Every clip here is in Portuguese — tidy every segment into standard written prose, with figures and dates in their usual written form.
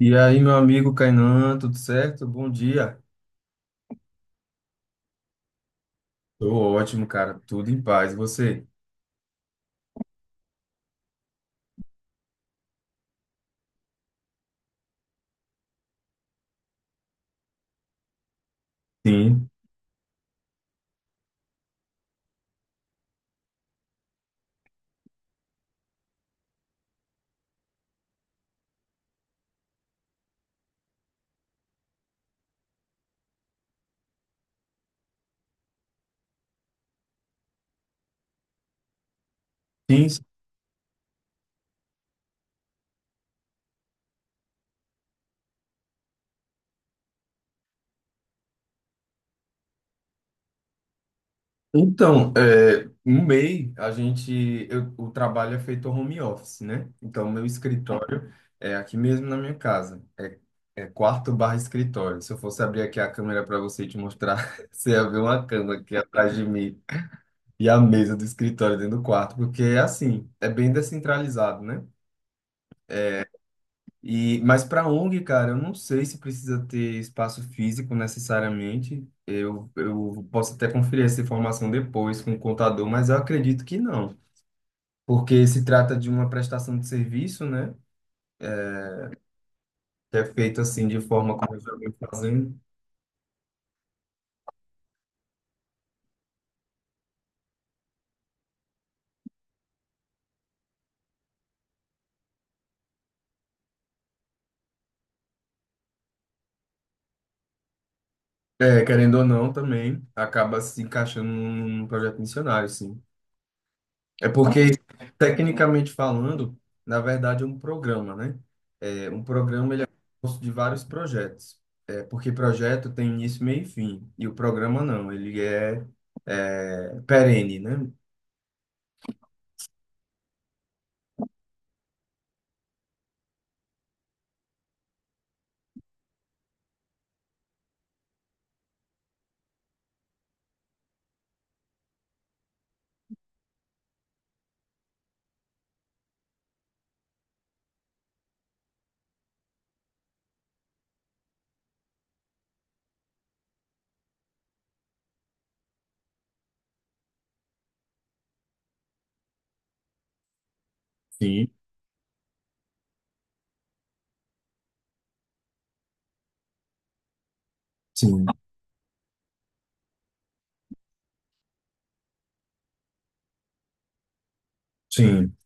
E aí, meu amigo Kainan, tudo certo? Bom dia. Tô ótimo, cara. Tudo em paz. E você? Sim. Sim. Sim. Então, é, no MEI, a gente, o trabalho é feito home office, né? Então, meu escritório é aqui mesmo na minha casa. é quarto barra escritório. Se eu fosse abrir aqui a câmera para você e te mostrar, você ia ver uma cama aqui atrás de mim e a mesa do escritório dentro do quarto, porque é assim, é bem descentralizado, né? E, mas para ONG, cara, eu não sei se precisa ter espaço físico necessariamente. Eu posso até conferir essa informação depois com o contador, mas eu acredito que não, porque se trata de uma prestação de serviço, né? Que é feita assim de forma como eu já venho fazendo. É, querendo ou não, também acaba se encaixando num projeto missionário, sim. É porque, tecnicamente falando, na verdade é um programa, né? É, um programa ele é composto de vários projetos. É, porque projeto tem início, meio e fim. E o programa não, ele é, é perene, né? Sim. Sim, sim.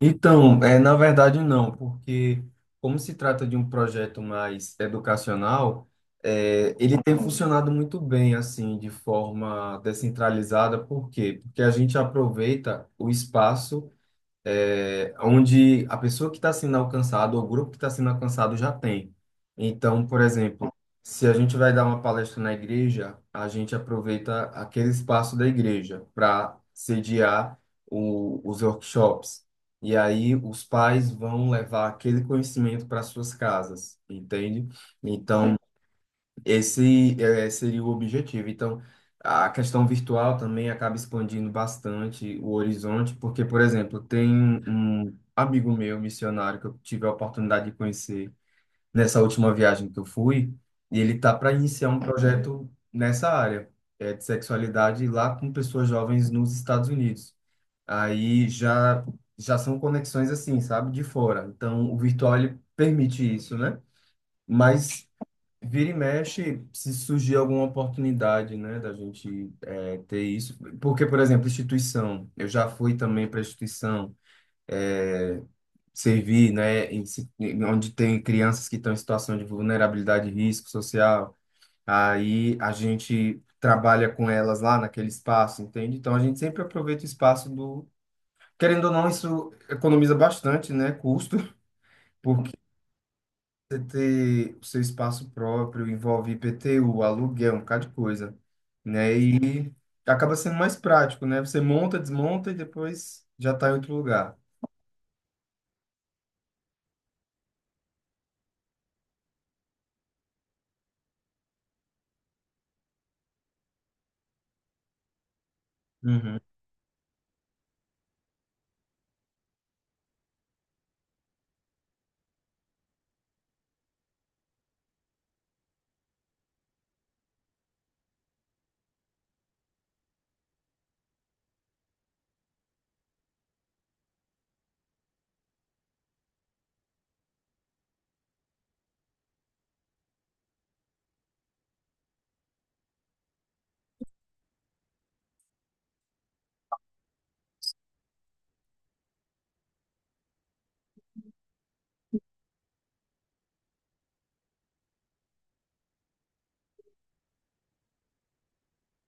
Então, é, na verdade não, porque como se trata de um projeto mais educacional, é, ele tem funcionado muito bem, assim, de forma descentralizada. Por quê? Porque a gente aproveita o espaço é, onde a pessoa que está sendo alcançada, ou o grupo que está sendo alcançado já tem. Então, por exemplo, se a gente vai dar uma palestra na igreja, a gente aproveita aquele espaço da igreja para sediar os workshops. E aí os pais vão levar aquele conhecimento para suas casas, entende? Então, esse é, seria o objetivo. Então, a questão virtual também acaba expandindo bastante o horizonte, porque, por exemplo, tem um amigo meu, missionário, que eu tive a oportunidade de conhecer nessa última viagem que eu fui, e ele está para iniciar um projeto nessa área, é, de sexualidade lá com pessoas jovens nos Estados Unidos. Aí já, são conexões assim, sabe, de fora. Então, o virtual ele permite isso, né? Mas vira e mexe, se surgir alguma oportunidade, né, da gente é, ter isso. Porque, por exemplo, instituição. Eu já fui também para instituição é, servir, né, onde tem crianças que estão em situação de vulnerabilidade e risco social. Aí a gente trabalha com elas lá naquele espaço, entende? Então a gente sempre aproveita o espaço do. Querendo ou não, isso economiza bastante, né, custo, você ter o seu espaço próprio, envolve IPTU, aluguel, um bocado de coisa, né? E acaba sendo mais prático, né? Você monta, desmonta e depois já está em outro lugar. Uhum.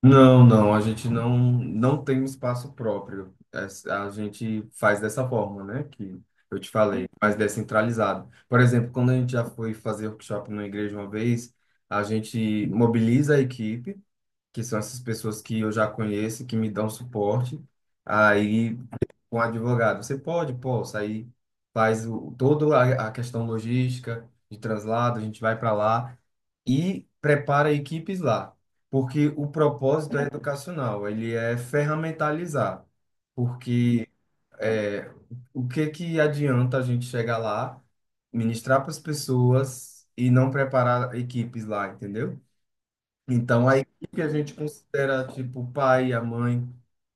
Não, não, a gente não, não tem um espaço próprio. É, a gente faz dessa forma, né? Que eu te falei, mais descentralizado. Por exemplo, quando a gente já foi fazer workshop numa igreja uma vez, a gente mobiliza a equipe, que são essas pessoas que eu já conheço, que me dão suporte. Aí com o advogado. Você pode, pô, sair, faz o, toda a questão logística de translado, a gente vai para lá e prepara equipes lá, porque o propósito é educacional, ele é ferramentalizar, porque é, o que que adianta a gente chegar lá, ministrar para as pessoas e não preparar equipes lá, entendeu? Então, a equipe a gente considera, tipo, o pai, a mãe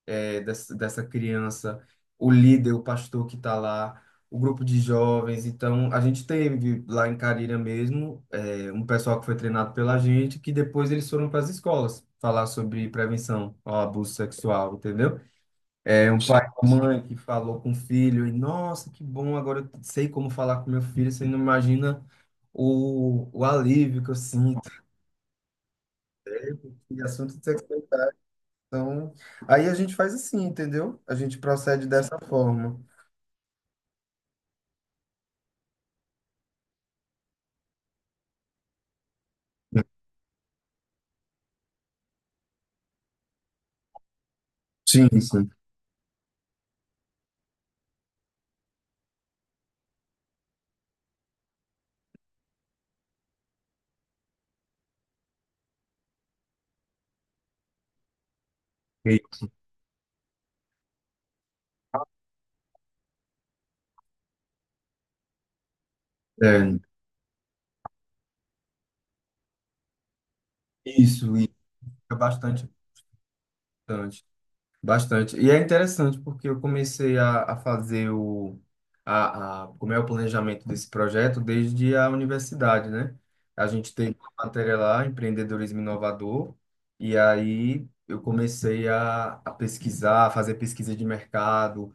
eh, dessa, dessa criança, o líder, o pastor que está lá, o grupo de jovens. Então, a gente teve lá em Carilha mesmo eh, um pessoal que foi treinado pela gente, que depois eles foram para as escolas falar sobre prevenção ao abuso sexual, entendeu? É um pai e uma mãe que falou com o filho, e nossa, que bom, agora eu sei como falar com meu filho, você não imagina o alívio que eu sinto. E assunto sexual. Então, aí a gente faz assim, entendeu? A gente procede dessa forma. Sim, sim. E- É, isso é bastante importante. Bastante. E é interessante porque eu comecei a fazer como é o planejamento desse projeto desde a universidade, né? A gente teve uma matéria lá, empreendedorismo inovador, e aí eu comecei a pesquisar, a fazer pesquisa de mercado,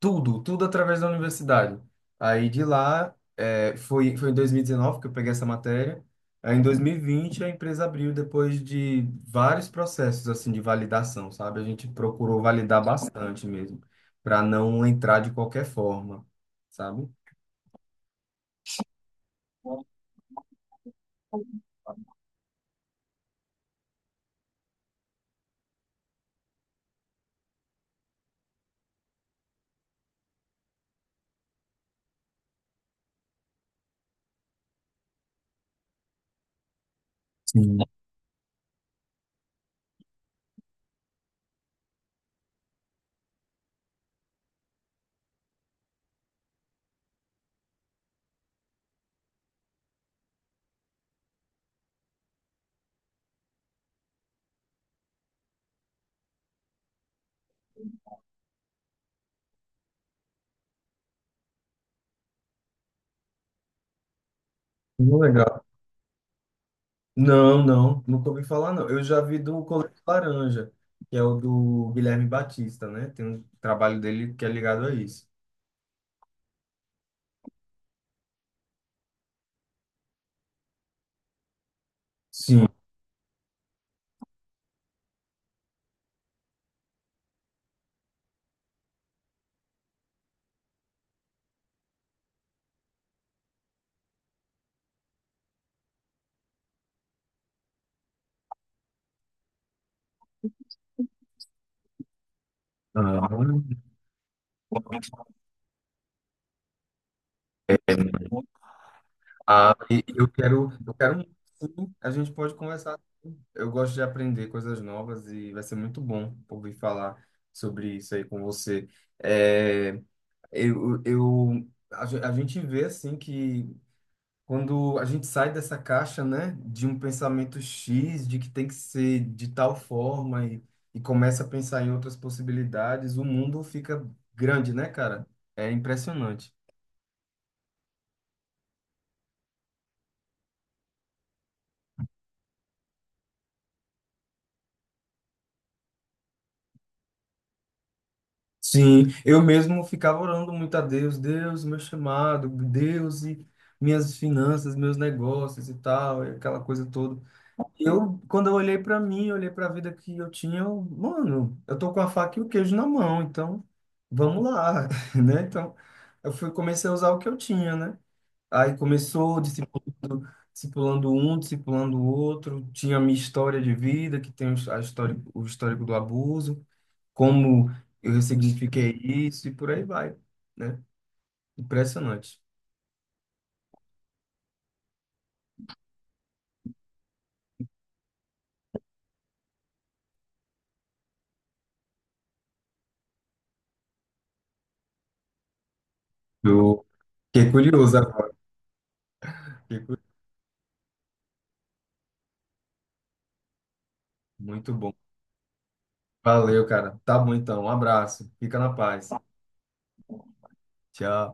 tudo, tudo através da universidade. Aí de lá, é, foi em 2019 que eu peguei essa matéria. Aí em 2020 a empresa abriu depois de vários processos assim de validação, sabe? A gente procurou validar bastante mesmo, para não entrar de qualquer forma, sabe? Sim. Muito legal. Não, não, nunca ouvi falar não. Eu já vi do Colete Laranja, que é o do Guilherme Batista, né? Tem um trabalho dele que é ligado a isso. Sim. Ah, ah, e eu quero muito, sim, a gente pode conversar. Eu gosto de aprender coisas novas e vai ser muito bom ouvir falar sobre isso aí com você. É, a gente vê assim que quando a gente sai dessa caixa, né, de um pensamento X, de que tem que ser de tal forma e, começa a pensar em outras possibilidades, o mundo fica grande, né, cara? É impressionante. Sim, eu mesmo ficava orando muito a Deus, Deus, meu chamado, Deus e minhas finanças, meus negócios e tal, e aquela coisa toda. Eu, quando eu olhei para mim, olhei para a vida que eu tinha, eu, mano, eu tô com a faca e o queijo na mão, então vamos lá, né? Então, eu fui, comecei a usar o que eu tinha, né? Aí começou discipulando, discipulando um, discipulando o outro, tinha a minha história de vida, que tem a história, o histórico do abuso como eu ressignifiquei isso e por aí vai, né? Impressionante. Eu fiquei curioso agora. Fiquei curioso. Muito bom. Valeu, cara. Tá bom então. Um abraço. Fica na paz. Tchau.